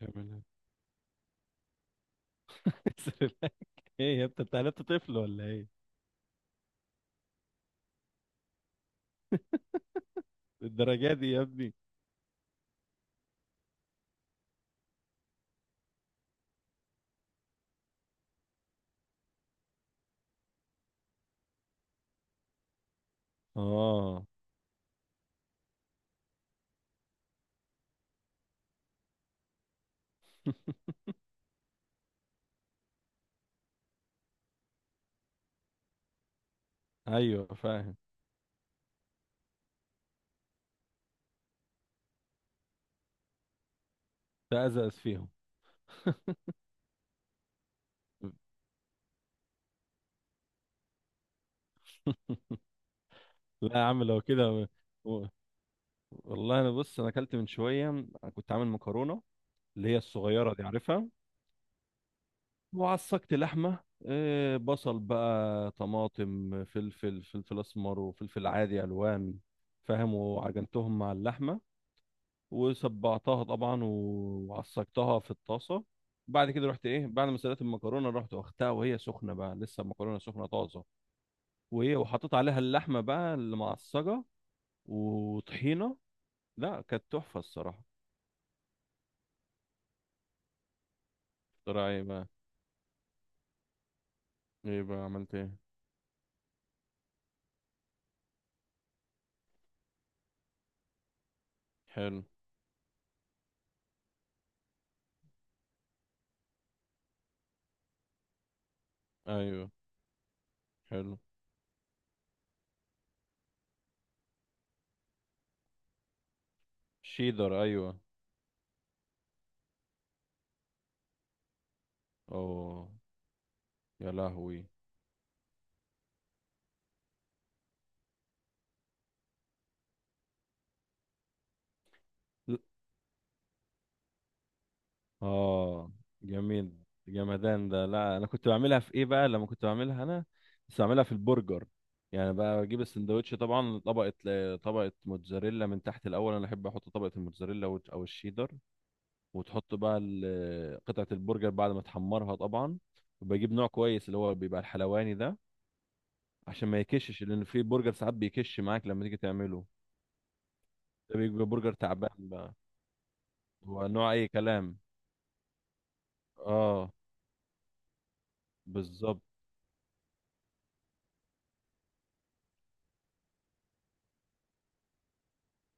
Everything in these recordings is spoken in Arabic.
تعملها. سريلاك؟ ايه يا ابني، انت طفل ولا ايه؟ الدرجات دي يا ابني. اه. ايوه، فاهم. تأزأز فيهم. لا يا عم، لو كده. و- والله، انا بص انا اكلت من شويه. كنت عامل مكرونه، اللي هي الصغيره دي، عارفها. وعصقت لحمه. بصل بقى، طماطم، فلفل اسمر، وفلفل عادي الوان. فاهم. وعجنتهم مع اللحمه، وصبعتها طبعا، وعصجتها في الطاسه. بعد كده رحت ايه، بعد ما سلقت المكرونه رحت واخدتها وهي سخنه، بقى لسه المكرونه سخنه طازه. وايه، وحطيت عليها اللحمه بقى اللي معصجه، وطحينه. لا، كانت تحفه الصراحه. ترى ايه بقى؟ ايه بقى؟ عملت ايه؟ حلو. ايوه، حلو. شيدر، ايوه. اوه، يا لهوي. اه، جميل. جمدان ده. لا، انا كنت بعملها في ايه بقى لما كنت بعملها انا. كنت بعملها في البرجر. يعني بقى بجيب السندوتش طبعا، طبقه موتزاريلا من تحت الاول. انا احب احط طبقه الموتزاريلا، او الشيدر. وتحط بقى قطعه البرجر بعد ما تحمرها طبعا. وبجيب نوع كويس، اللي هو بيبقى الحلواني ده، عشان ما يكشش، لان في برجر ساعات بيكش معاك لما تيجي تعمله. ده بيبقى برجر تعبان بقى. هو نوع اي كلام. اه، بالظبط.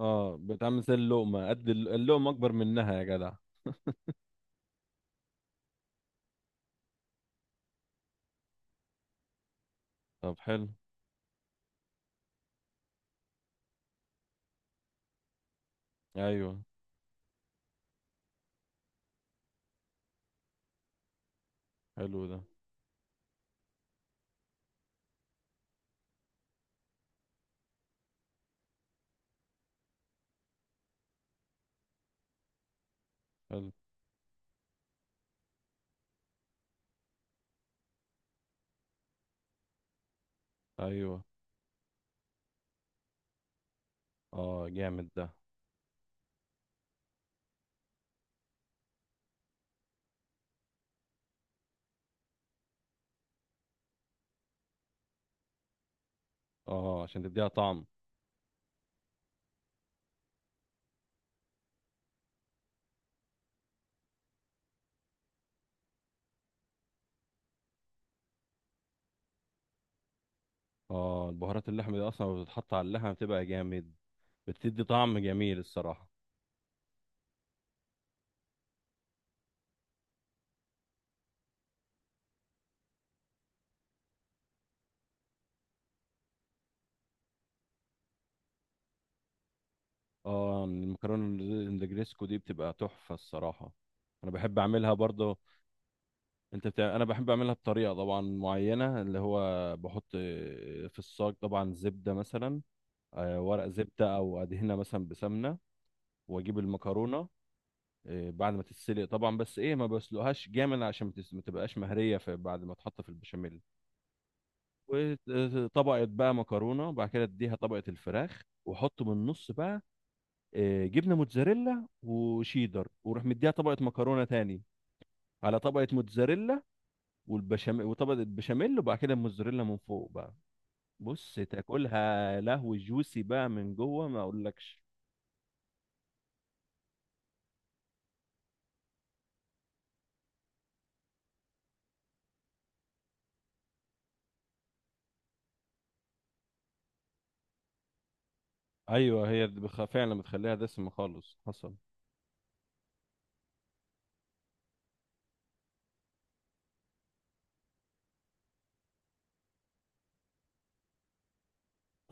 اه، بتعمل زي اللقمة قد اللقمة أكبر منها يا جدع. طب، حلو. أيوه، حلو ده. حلو. أيوه. اه، جامد ده. اه، عشان تديها طعم. اه، البهارات اللحمة دي أصلا لما بتتحط على اللحمة بتبقى جامد. بتدي طعم جميل الصراحة. اه، المكرونة النجريسكو دي بتبقى تحفة الصراحة. أنا بحب أعملها برضه. أنا بحب أعملها بطريقة طبعا معينة، اللي هو بحط في الصاج طبعا زبدة مثلا. ورق زبدة، أو أدهنها مثلا بسمنة. واجيب المكرونه. بعد ما تتسلق طبعا، بس ايه، ما بسلقهاش جامد عشان ما تبقاش مهريه، في بعد ما تحط في البشاميل. وطبقه بقى مكرونه، وبعد كده اديها طبقه الفراخ، واحط من النص بقى جبنه موتزاريلا وشيدر، واروح مديها طبقه مكرونه تاني، على طبقه موتزاريلا، والبشاميل، وطبقه البشاميل، وبعد كده الموتزاريلا من فوق بقى. بص، تاكلها لهو جوسي بقى من جوه ما اقولكش. ايوه، هي فعلا بتخليها دسمه خالص حصل.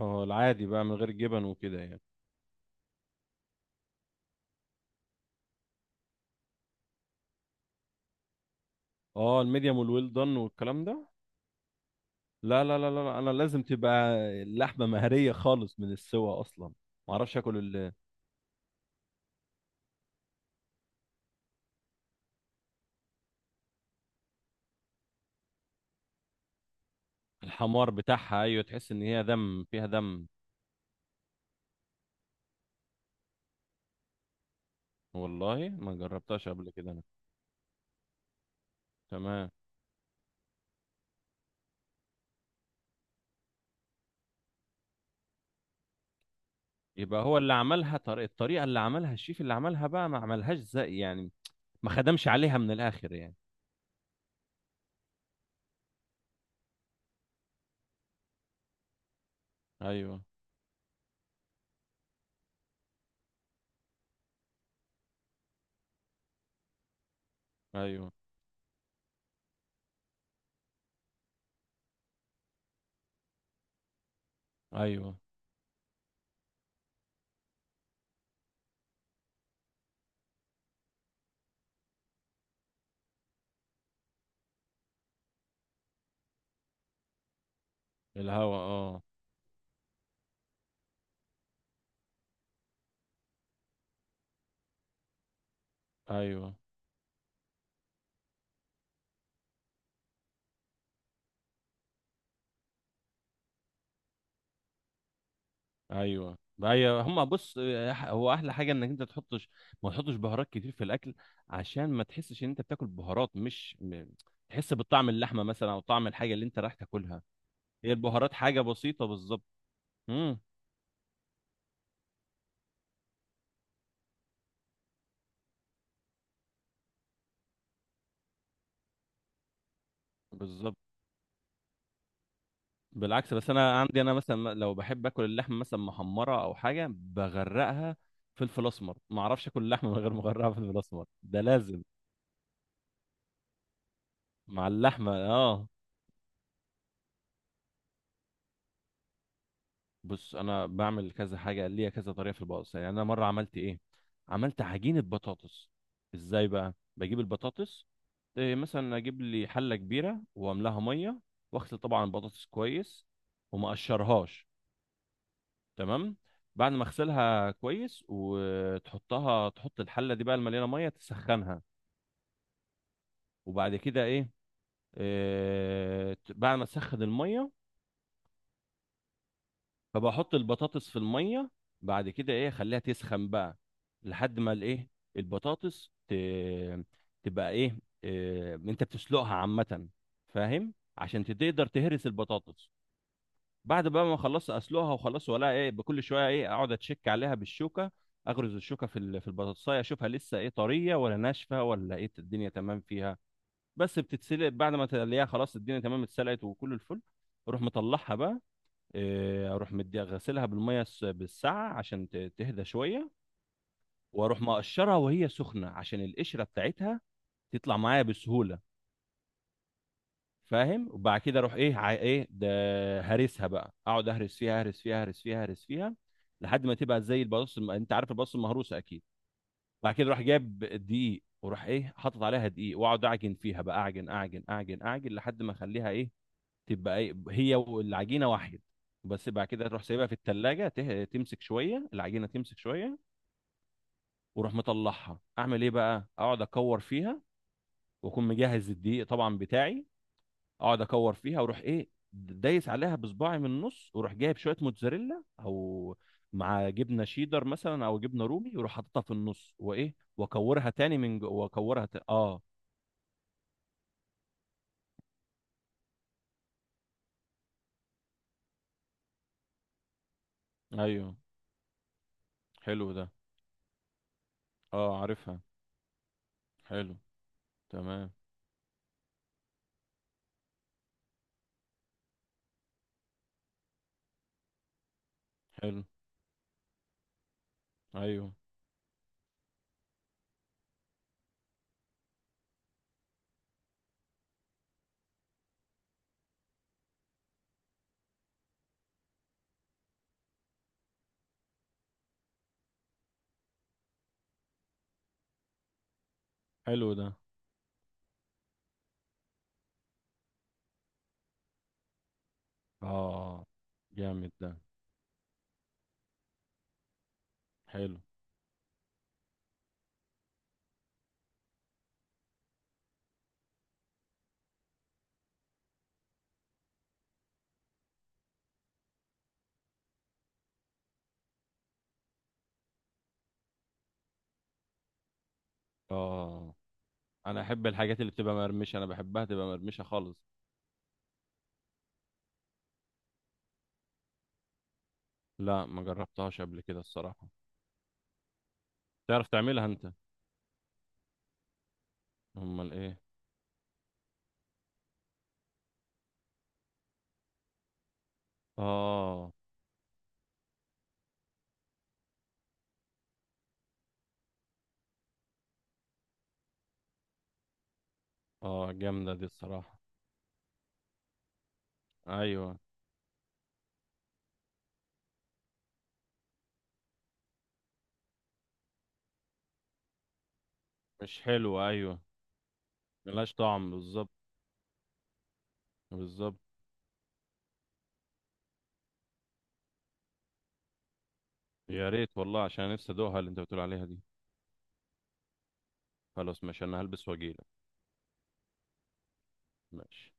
اه، العادي بقى من غير جبن وكده يعني. اه، الميديم والويل دان والكلام ده. لا لا لا لا لا، انا لازم تبقى اللحمه مهريه خالص من السوا اصلا. ما اعرفش اكل الحمار بتاعها، ايوه، تحس ان هي دم فيها دم. والله ما جربتهاش قبل كده انا. تمام. يبقى هو اللي عملها الطريقه اللي عملها الشيف اللي عملها بقى، ما عملهاش زي يعني، ما خدمش عليها من الاخر يعني. ايوه، ايوه، ايوه. الهوا، اه. ايوه، ايوه، ايوه. هما بص، هو احلى حاجه انك انت ما تحطش بهارات كتير في الاكل، عشان ما تحسش ان انت بتاكل بهارات مش تحس بطعم اللحمه مثلا او طعم الحاجه اللي انت رايح تاكلها. هي البهارات حاجه بسيطه بالظبط. امم. بالظبط. بالعكس، بس انا عندي، انا مثلا لو بحب اكل اللحمه مثلا محمره او حاجه بغرقها فلفل اسمر، ما اعرفش اكل اللحمه من غير ما اغرقها فلفل اسمر، ده لازم. مع اللحمه، اه. بص، انا بعمل كذا حاجه، ليا كذا طريقه في البطاطس يعني. انا مره عملت ايه، عملت عجينه بطاطس. ازاي بقى؟ بجيب البطاطس. إيه، مثلا اجيب لي حله كبيره واملاها ميه، واغسل طبعا البطاطس كويس، وما اقشرهاش. تمام. بعد ما اغسلها كويس، تحط الحله دي بقى المليانه ميه، تسخنها. وبعد كده ايه، إيه، بعد ما تسخن الميه فبحط البطاطس في الميه. بعد كده ايه، اخليها تسخن بقى، لحد ما الايه، البطاطس تبقى ايه. انت بتسلقها عامه، فاهم، عشان تقدر تهرس البطاطس. بعد بقى ما خلصت اسلقها وخلاص، ولا ايه؟ بكل شويه ايه، اقعد اتشك عليها بالشوكه، اغرز الشوكه في البطاطسايه، اشوفها لسه ايه، طريه ولا ناشفه ولا ايه، الدنيا تمام فيها. بس بتتسلق. بعد ما تلاقيها خلاص الدنيا تمام اتسلقت وكل الفل، اروح مطلعها بقى. إيه، اروح مديها غسلها بالميه بالساعه، عشان تهدى شويه. واروح مقشرها وهي سخنه، عشان القشره بتاعتها تطلع معايا بسهوله. فاهم. وبعد كده اروح ايه، ايه ده، هرسها بقى، اقعد اهرس فيها، اهرس فيها، اهرس فيها، اهرس فيها لحد ما تبقى زي البطاطس، انت عارف البطاطس المهروسه اكيد. بعد كده اروح جايب دقيق، واروح ايه، حاطط عليها دقيق، واقعد اعجن فيها بقى، اعجن، اعجن، اعجن، اعجن لحد ما اخليها ايه، تبقى هي والعجينه واحد. بس بعد كده تروح سايبها في التلاجة، تمسك شوية العجينة، تمسك شوية، وروح مطلعها، أعمل إيه بقى، أقعد أكور فيها، وأكون مجهز الدقيق طبعا بتاعي. أقعد أكور فيها، وأروح إيه، دايس عليها بصباعي من النص، وأروح جايب شوية موتزاريلا، أو مع جبنة شيدر مثلا، أو جبنة رومي، وأروح حاططها في النص، وإيه، وأكورها تاني من جو، وأكورها آه. أيوه، حلو ده. آه، عارفها. حلو. تمام. حلو. أيوه، حلو ده. اه، جامد ده. حلو. اه، انا احب الحاجات اللي بتبقى مرمشه، انا بحبها تبقى مرمشه خالص. لا، ما جربتهاش قبل كده الصراحه. تعرف تعملها انت؟ امال ايه؟ اه، اه، جامده دي الصراحه. ايوه، مش حلوه، ايوه، ملهاش طعم بالظبط. بالظبط. يا ريت والله، عشان أنا نفسي ادوقها اللي انت بتقول عليها دي. خلاص، ماشي، انا هلبس واجيلك. ماشي.